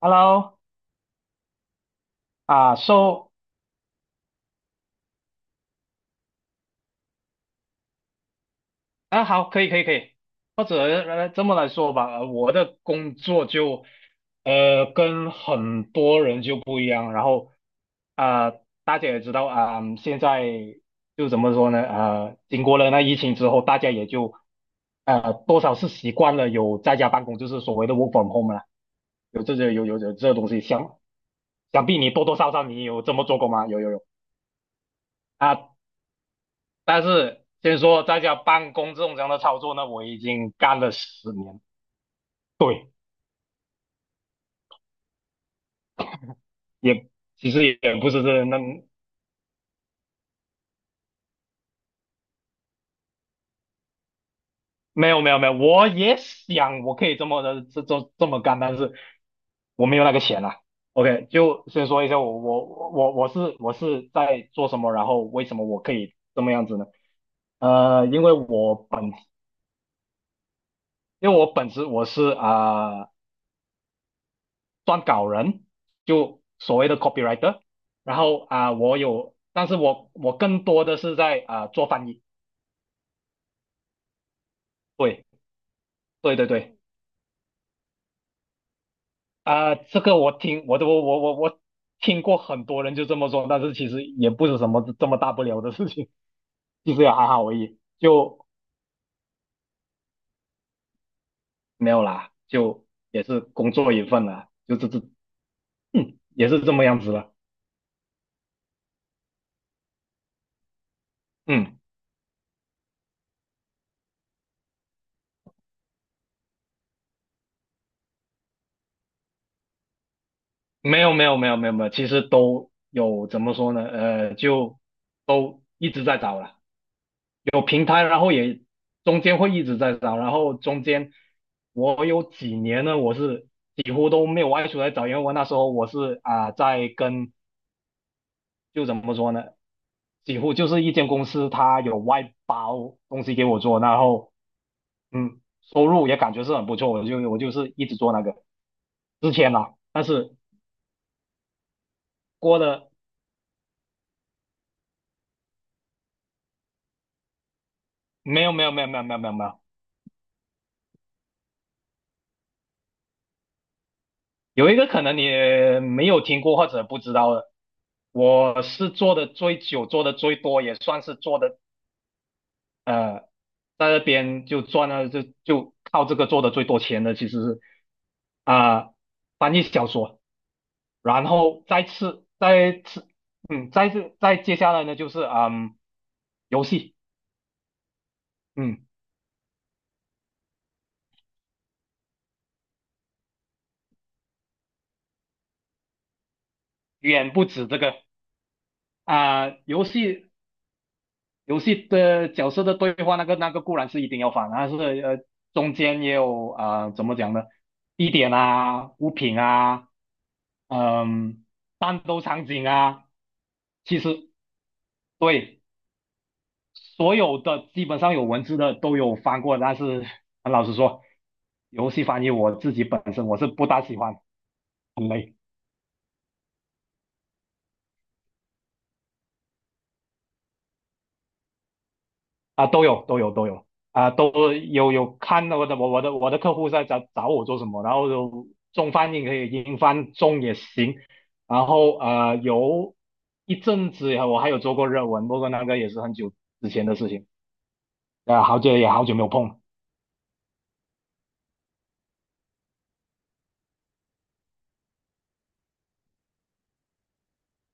Hello。啊，so 好，可以，可以，可以。或者这么来说吧，我的工作就跟很多人就不一样。然后啊，大家也知道啊。现在就怎么说呢？经过了那疫情之后，大家也就多少是习惯了有在家办公，就是所谓的 work from home 了。有这些有有有这东西，想必你多多少少有这么做过吗？有，有，有。啊，但是先说在家办公这种这样的操作呢，我已经干了10年。对，也其实也不是这那。没有，没有，没有。我也想我可以这么的这这这么干，但是我没有那个钱啊。OK，就先说一下我是在做什么，然后为什么我可以这么样子呢？呃，因为我本因为我本职我是撰稿人，就所谓的 copywriter。然后但是我更多的是在做翻译。对，对，对，对。这个我听我都我我我听过很多人就这么说，但是其实也不是什么这么大不了的事情。就实也还好而已，就没有啦。就也是工作一份啦。就这这嗯也是这么样子了。嗯。没有，没有，没有，没有，没有。其实都有，怎么说呢？就都一直在找了。有平台，然后也中间会一直在找。然后中间我有几年呢，我是几乎都没有外出来找。因为我那时候我是在跟，就怎么说呢，几乎就是一间公司它有外包东西给我做，然后收入也感觉是很不错。我就是一直做那个之前啦。但是过了没有，没有，没有，没有，没有，没有，没有。有一个可能你没有听过或者不知道的。我是做的最久、做的最多，也算是做的，呃，在那边就赚了。就靠这个做的最多钱的，其实是啊、翻译小说。然后再次再次嗯，再次再接下来呢就是游戏。嗯。远不止这个。啊、游戏游戏的角色的对话，那个固然是一定要反，但是中间也有怎么讲呢，地点啊、物品啊，嗯、战斗场景啊，其实。对。所有的基本上有文字的都有翻过。但是很老实说，游戏翻译我自己本身我是不大喜欢，很累。啊，都有，都有，都有。啊，都有，有看我的客户在找我做什么。然后有中翻译可以，英翻中也行。然后有一阵子我还有做过日文，不过那个也是很久之前的事情。啊，好久也好久没有碰。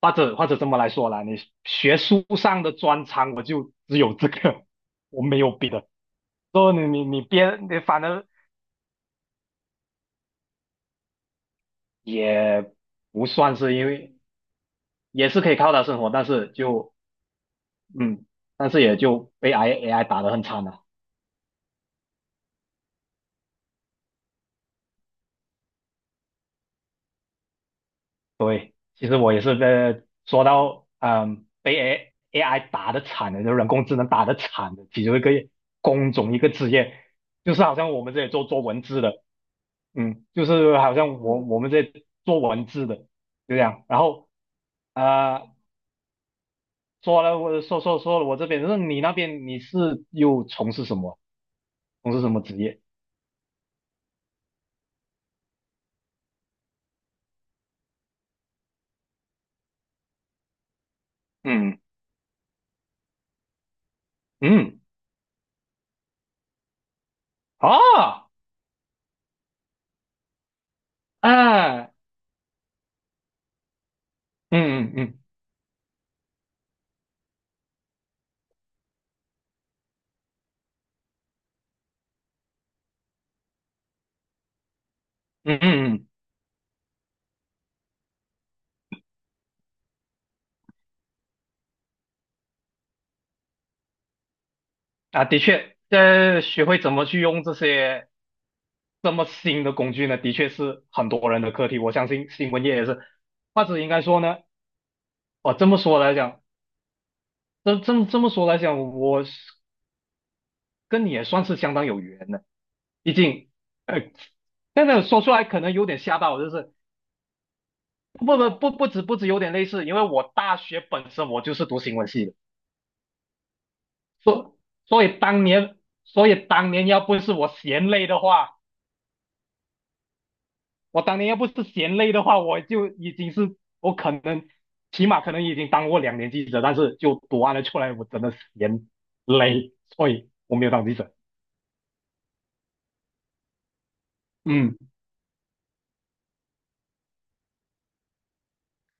或者这么来说啦，你学术上的专长我就只有这个，我没有别的。说你你你别你反正也不算是，因为也是可以靠它生活，但是就，嗯，但是也就被 AI 打得很惨了。其实我也是在说到被 AI 打得惨的，就人工智能打得惨的其中一个工种，一个职业，就是好像我们这里做做文字的。嗯，就是好像我们在做文字的，就这样。然后啊呃，说了我这边，那你那边是又从事什么？从事什么职业？嗯嗯，啊啊，嗯嗯，嗯嗯，嗯嗯，啊。的确，在学会怎么去用这些这么新的工具呢，的确是很多人的课题。我相信新闻业也是，或者应该说呢，哦，这么说来讲，这么说来讲，我是跟你也算是相当有缘的。毕竟，呃，但是说出来可能有点吓到我就是不止有点类似，因为我大学本身我就是读新闻系的。所所以当年，要不是我嫌累的话，我当年要不是嫌累的话，我就已经是，我可能起码可能已经当过2年记者。但是就读完了出来，我真的嫌累，所以我没有当记者。嗯。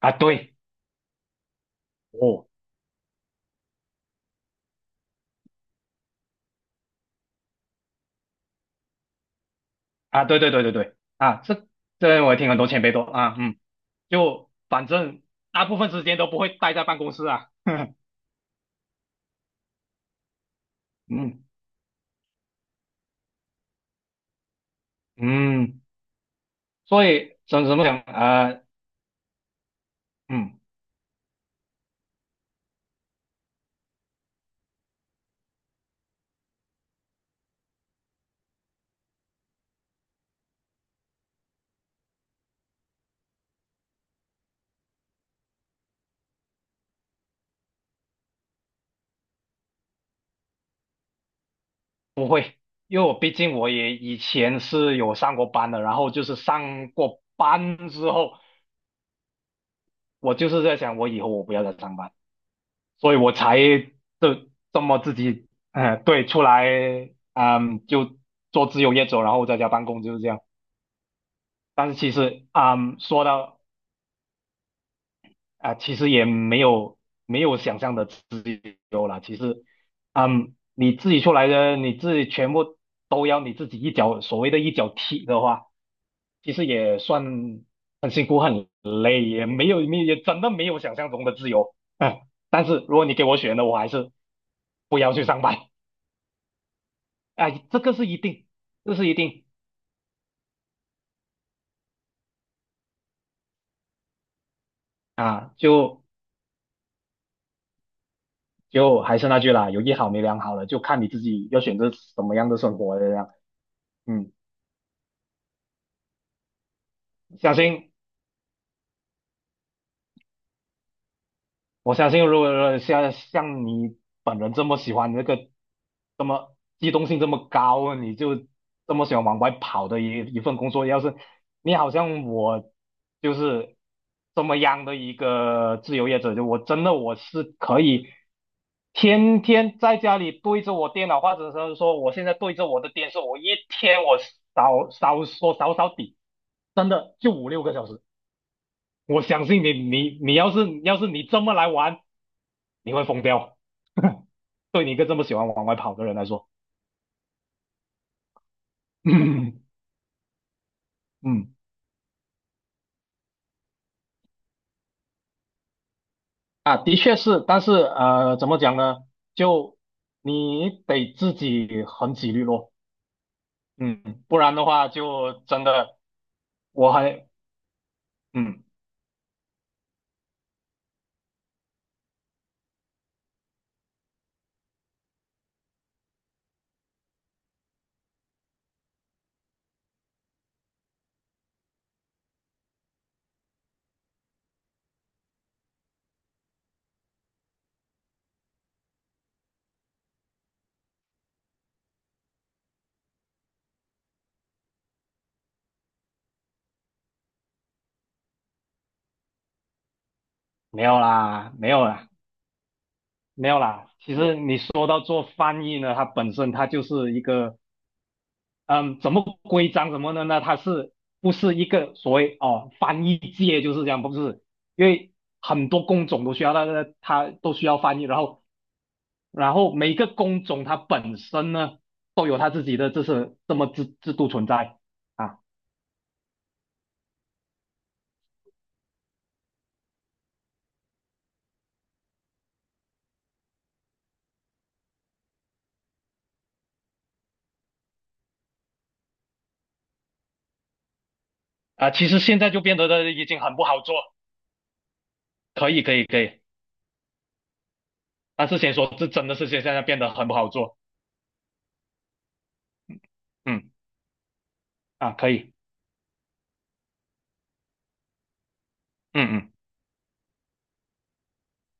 啊对，哦啊，对，对，对，对，对，啊。这我也听很多前辈都。就反正大部分时间都不会待在办公室啊。嗯嗯，所以怎么讲？嗯，不会，因为我毕竟我也以前是有上过班的，然后就是上过班之后，我就是在想，我以后我不要再上班，所以我才这这么自己，对，出来。嗯，就做自由业者，然后在家办公就是这样。但是其实，说到啊，其实也没有想象的自由啦。其实，你自己出来的，你自己全部都要你自己一脚，所谓的一脚踢的话，其实也算很辛苦、很累，也没有没也真的没有想象中的自由。嗯，但是如果你给我选的，我还是不要去上班。哎，这个是一定，这是一定啊。就还是那句啦，有一好没两好了，就看你自己要选择什么样的生活了这样。嗯，小信我相信，如果像你本人这么喜欢这个，这么机动性这么高，你就这么喜欢往外跑的一份工作，要是你好像我，就是这么样的一个自由业者，就我真的我是可以天天在家里对着我电脑，或者是说我现在对着我的电视，我一天少少说少少底，真的就5、6个小时。我相信你，你要是，你这么来玩，你会疯掉。对你一个这么喜欢往外跑的人来说。嗯嗯的确是。但是怎么讲呢？就你得自己很己律咯。嗯，不然的话就真的我还嗯没有啦，没有啦，没有啦。其实你说到做翻译呢，它本身它就是一个，嗯，怎么规章什么的呢？它是不是一个所谓翻译界就是这样？不是。因为很多工种都需要它，它都需要翻译。然后每个工种它本身呢都有它自己的这是这么制制度存在啊。啊，其实现在就变得的已经很不好做。可以，可以，可以。但是先说这真的是现在变得很不好做。嗯可以。嗯嗯。